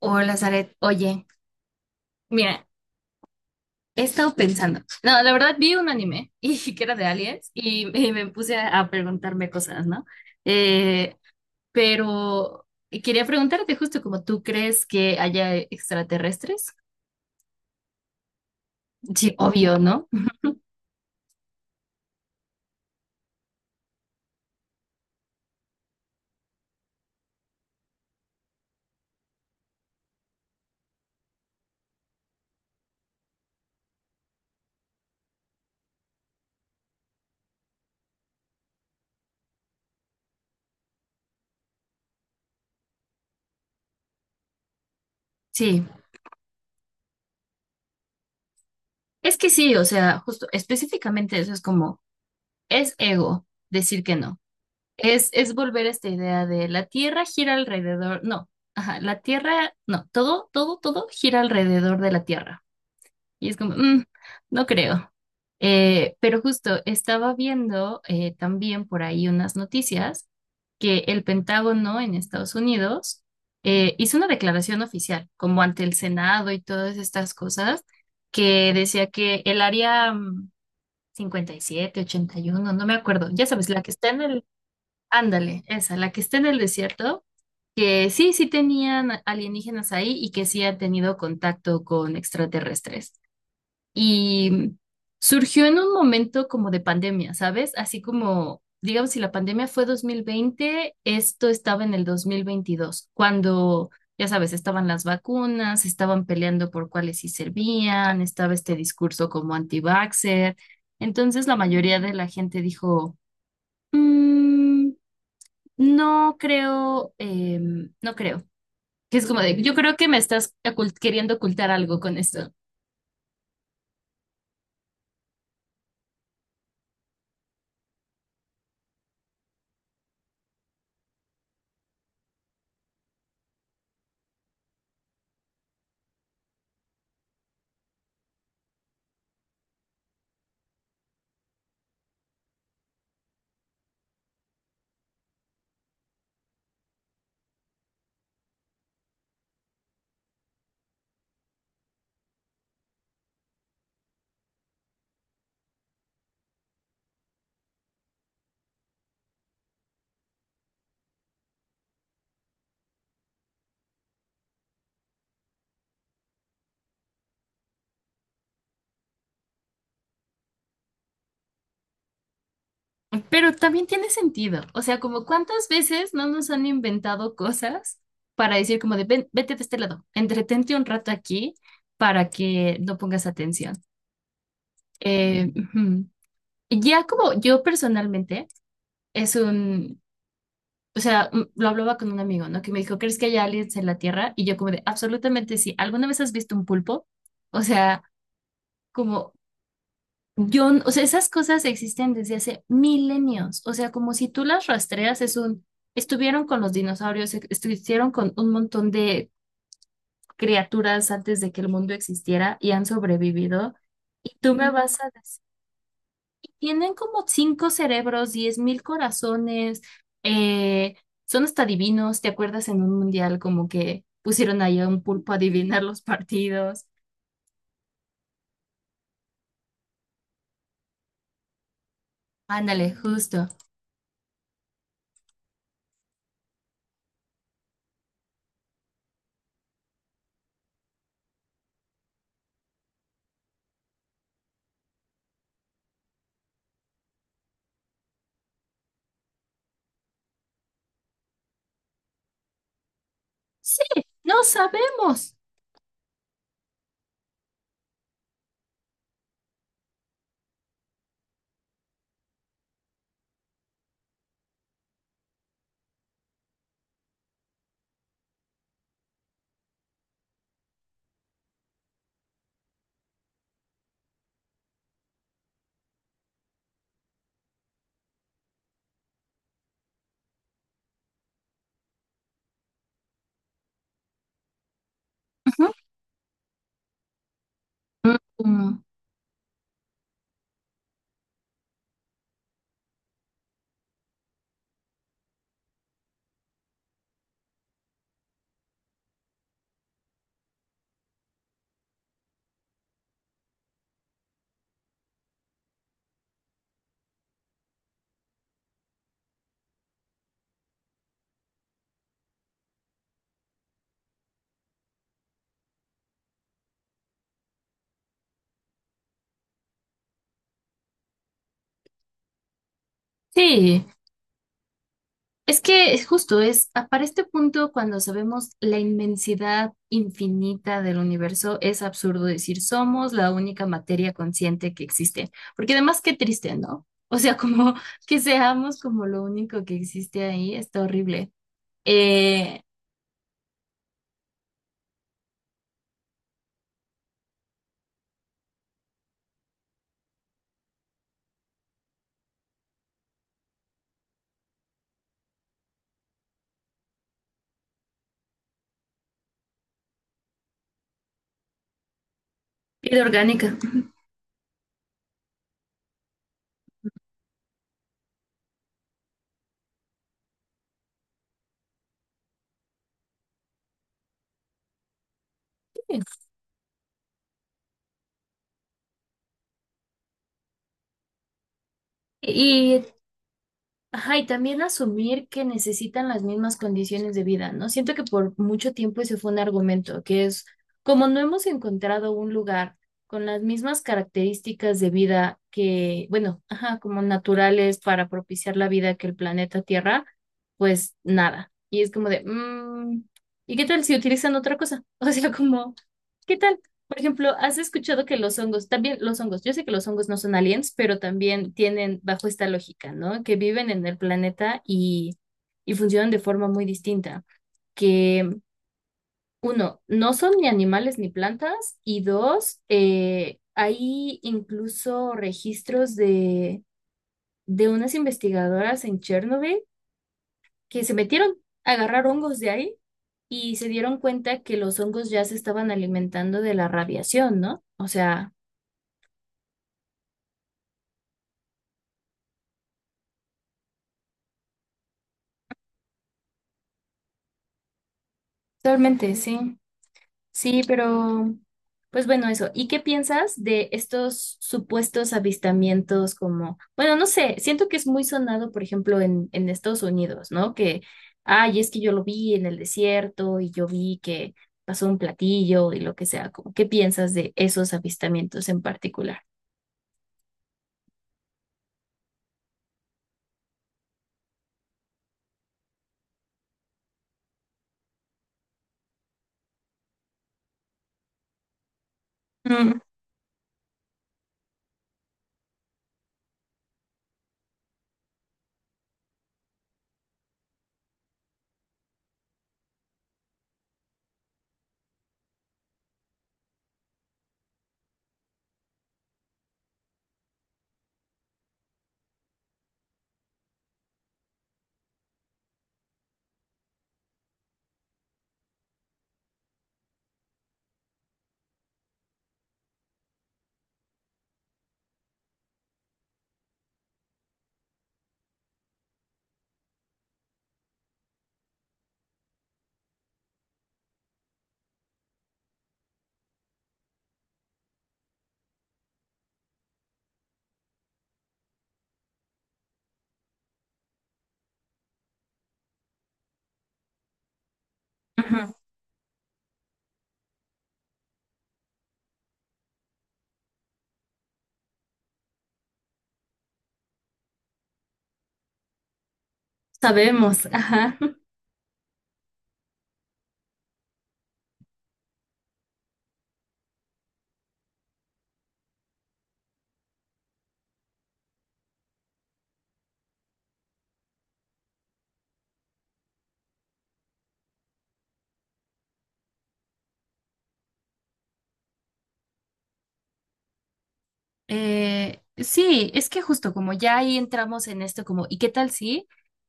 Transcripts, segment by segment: Hola, Zaret. Oye, mira, he estado pensando. No, la verdad vi un anime y que era de aliens y me puse a preguntarme cosas, ¿no? Eh, pero quería preguntarte justo como tú crees que haya extraterrestres. Sí, obvio, ¿no? Sí, es que sí, o sea, justo específicamente eso es como, es ego decir que no. Es volver a esta idea de la Tierra gira alrededor, no, ajá, la Tierra, no, todo, todo, todo gira alrededor de la Tierra. Y es como, No creo". Pero justo estaba viendo también por ahí unas noticias que el Pentágono en Estados Unidos hizo una declaración oficial, como ante el Senado y todas estas cosas, que decía que el área 57, 81, no me acuerdo, ya sabes, la que está en el, ándale, esa, la que está en el desierto, que sí, sí tenían alienígenas ahí y que sí han tenido contacto con extraterrestres y surgió en un momento como de pandemia, ¿sabes? Así como, digamos, si la pandemia fue 2020, esto estaba en el 2022, cuando ya sabes, estaban las vacunas, estaban peleando por cuáles sí servían, estaba este discurso como anti-vaxxer. Entonces la mayoría de la gente dijo, "Mm, no creo, no creo". Que es como de, yo creo que me estás queriendo ocultar algo con esto. Pero también tiene sentido. O sea, como cuántas veces no nos han inventado cosas para decir como de "Ven, vete de este lado, entretente un rato aquí para que no pongas atención". Ujú. Ya como yo personalmente es un, o sea, lo hablaba con un amigo, ¿no? Que me dijo, ¿crees que hay aliens en la Tierra? Y yo como de, absolutamente sí. ¿Alguna vez has visto un pulpo? O sea, como. Yo, o sea, esas cosas existen desde hace milenios. O sea, como si tú las rastreas, estuvieron con los dinosaurios, estuvieron con un montón de criaturas antes de que el mundo existiera y han sobrevivido. Y tú me vas a decir, tienen como cinco cerebros, 10,000 corazones, eh, son hasta divinos. ¿Te acuerdas en un mundial como que pusieron ahí a un pulpo a adivinar los partidos? Ándale, justo. Sí, no sabemos. Ujú. Mm. Sí, es que es justo, para este punto cuando sabemos la inmensidad infinita del universo, es absurdo decir somos la única materia consciente que existe, porque además qué triste, ¿no? O sea, como que seamos como lo único que existe ahí, está horrible. Eh, Vida orgánica. Sí. Y, ajá, y también asumir que necesitan las mismas condiciones de vida, ¿no? Siento que por mucho tiempo ese fue un argumento, que es como no hemos encontrado un lugar con las mismas características de vida que, bueno, ajá, como naturales para propiciar la vida que el planeta Tierra, pues nada. Y es como de, ¿y qué tal si utilizan otra cosa? O sea, como, ¿qué tal? Por ejemplo, ¿has escuchado que los hongos, también los hongos, yo sé que los hongos no son aliens, pero también tienen bajo esta lógica, ¿no? Que viven en el planeta y funcionan de forma muy distinta. Que, uno, no son ni animales ni plantas, y dos, hay incluso registros de unas investigadoras en Chernobyl que se metieron a agarrar hongos de ahí y se dieron cuenta que los hongos ya se estaban alimentando de la radiación, ¿no? O sea, totalmente, sí. Sí, pero pues bueno, eso. ¿Y qué piensas de estos supuestos avistamientos? Como, bueno, no sé, siento que es muy sonado, por ejemplo, en Estados Unidos, ¿no? Que ay, es que yo lo vi en el desierto y yo vi que pasó un platillo y lo que sea. Como, ¿qué piensas de esos avistamientos en particular? Mm, ujú. Sabemos, ajá. Sí, es que justo como ya ahí entramos en esto como, ¿y qué tal sí?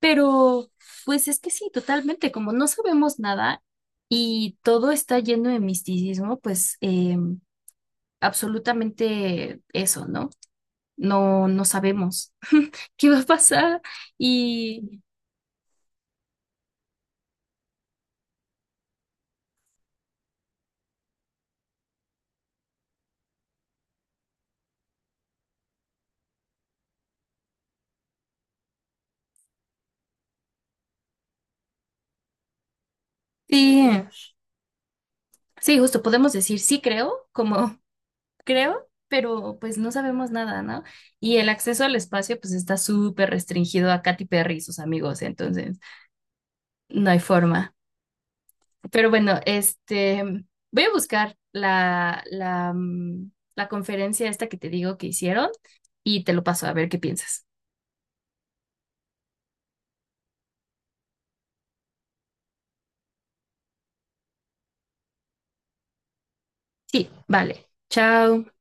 Pero pues es que sí, totalmente, como no sabemos nada y todo está lleno de misticismo, pues absolutamente eso, ¿no? No, no sabemos qué va a pasar y sí, sí, justo podemos decir sí creo, como creo, pero pues no sabemos nada, ¿no? Y el acceso al espacio pues está súper restringido a Katy Perry y sus amigos, entonces no hay forma. Pero bueno, voy a buscar la conferencia esta que te digo que hicieron y te lo paso a ver qué piensas. Sí, vale. Chao.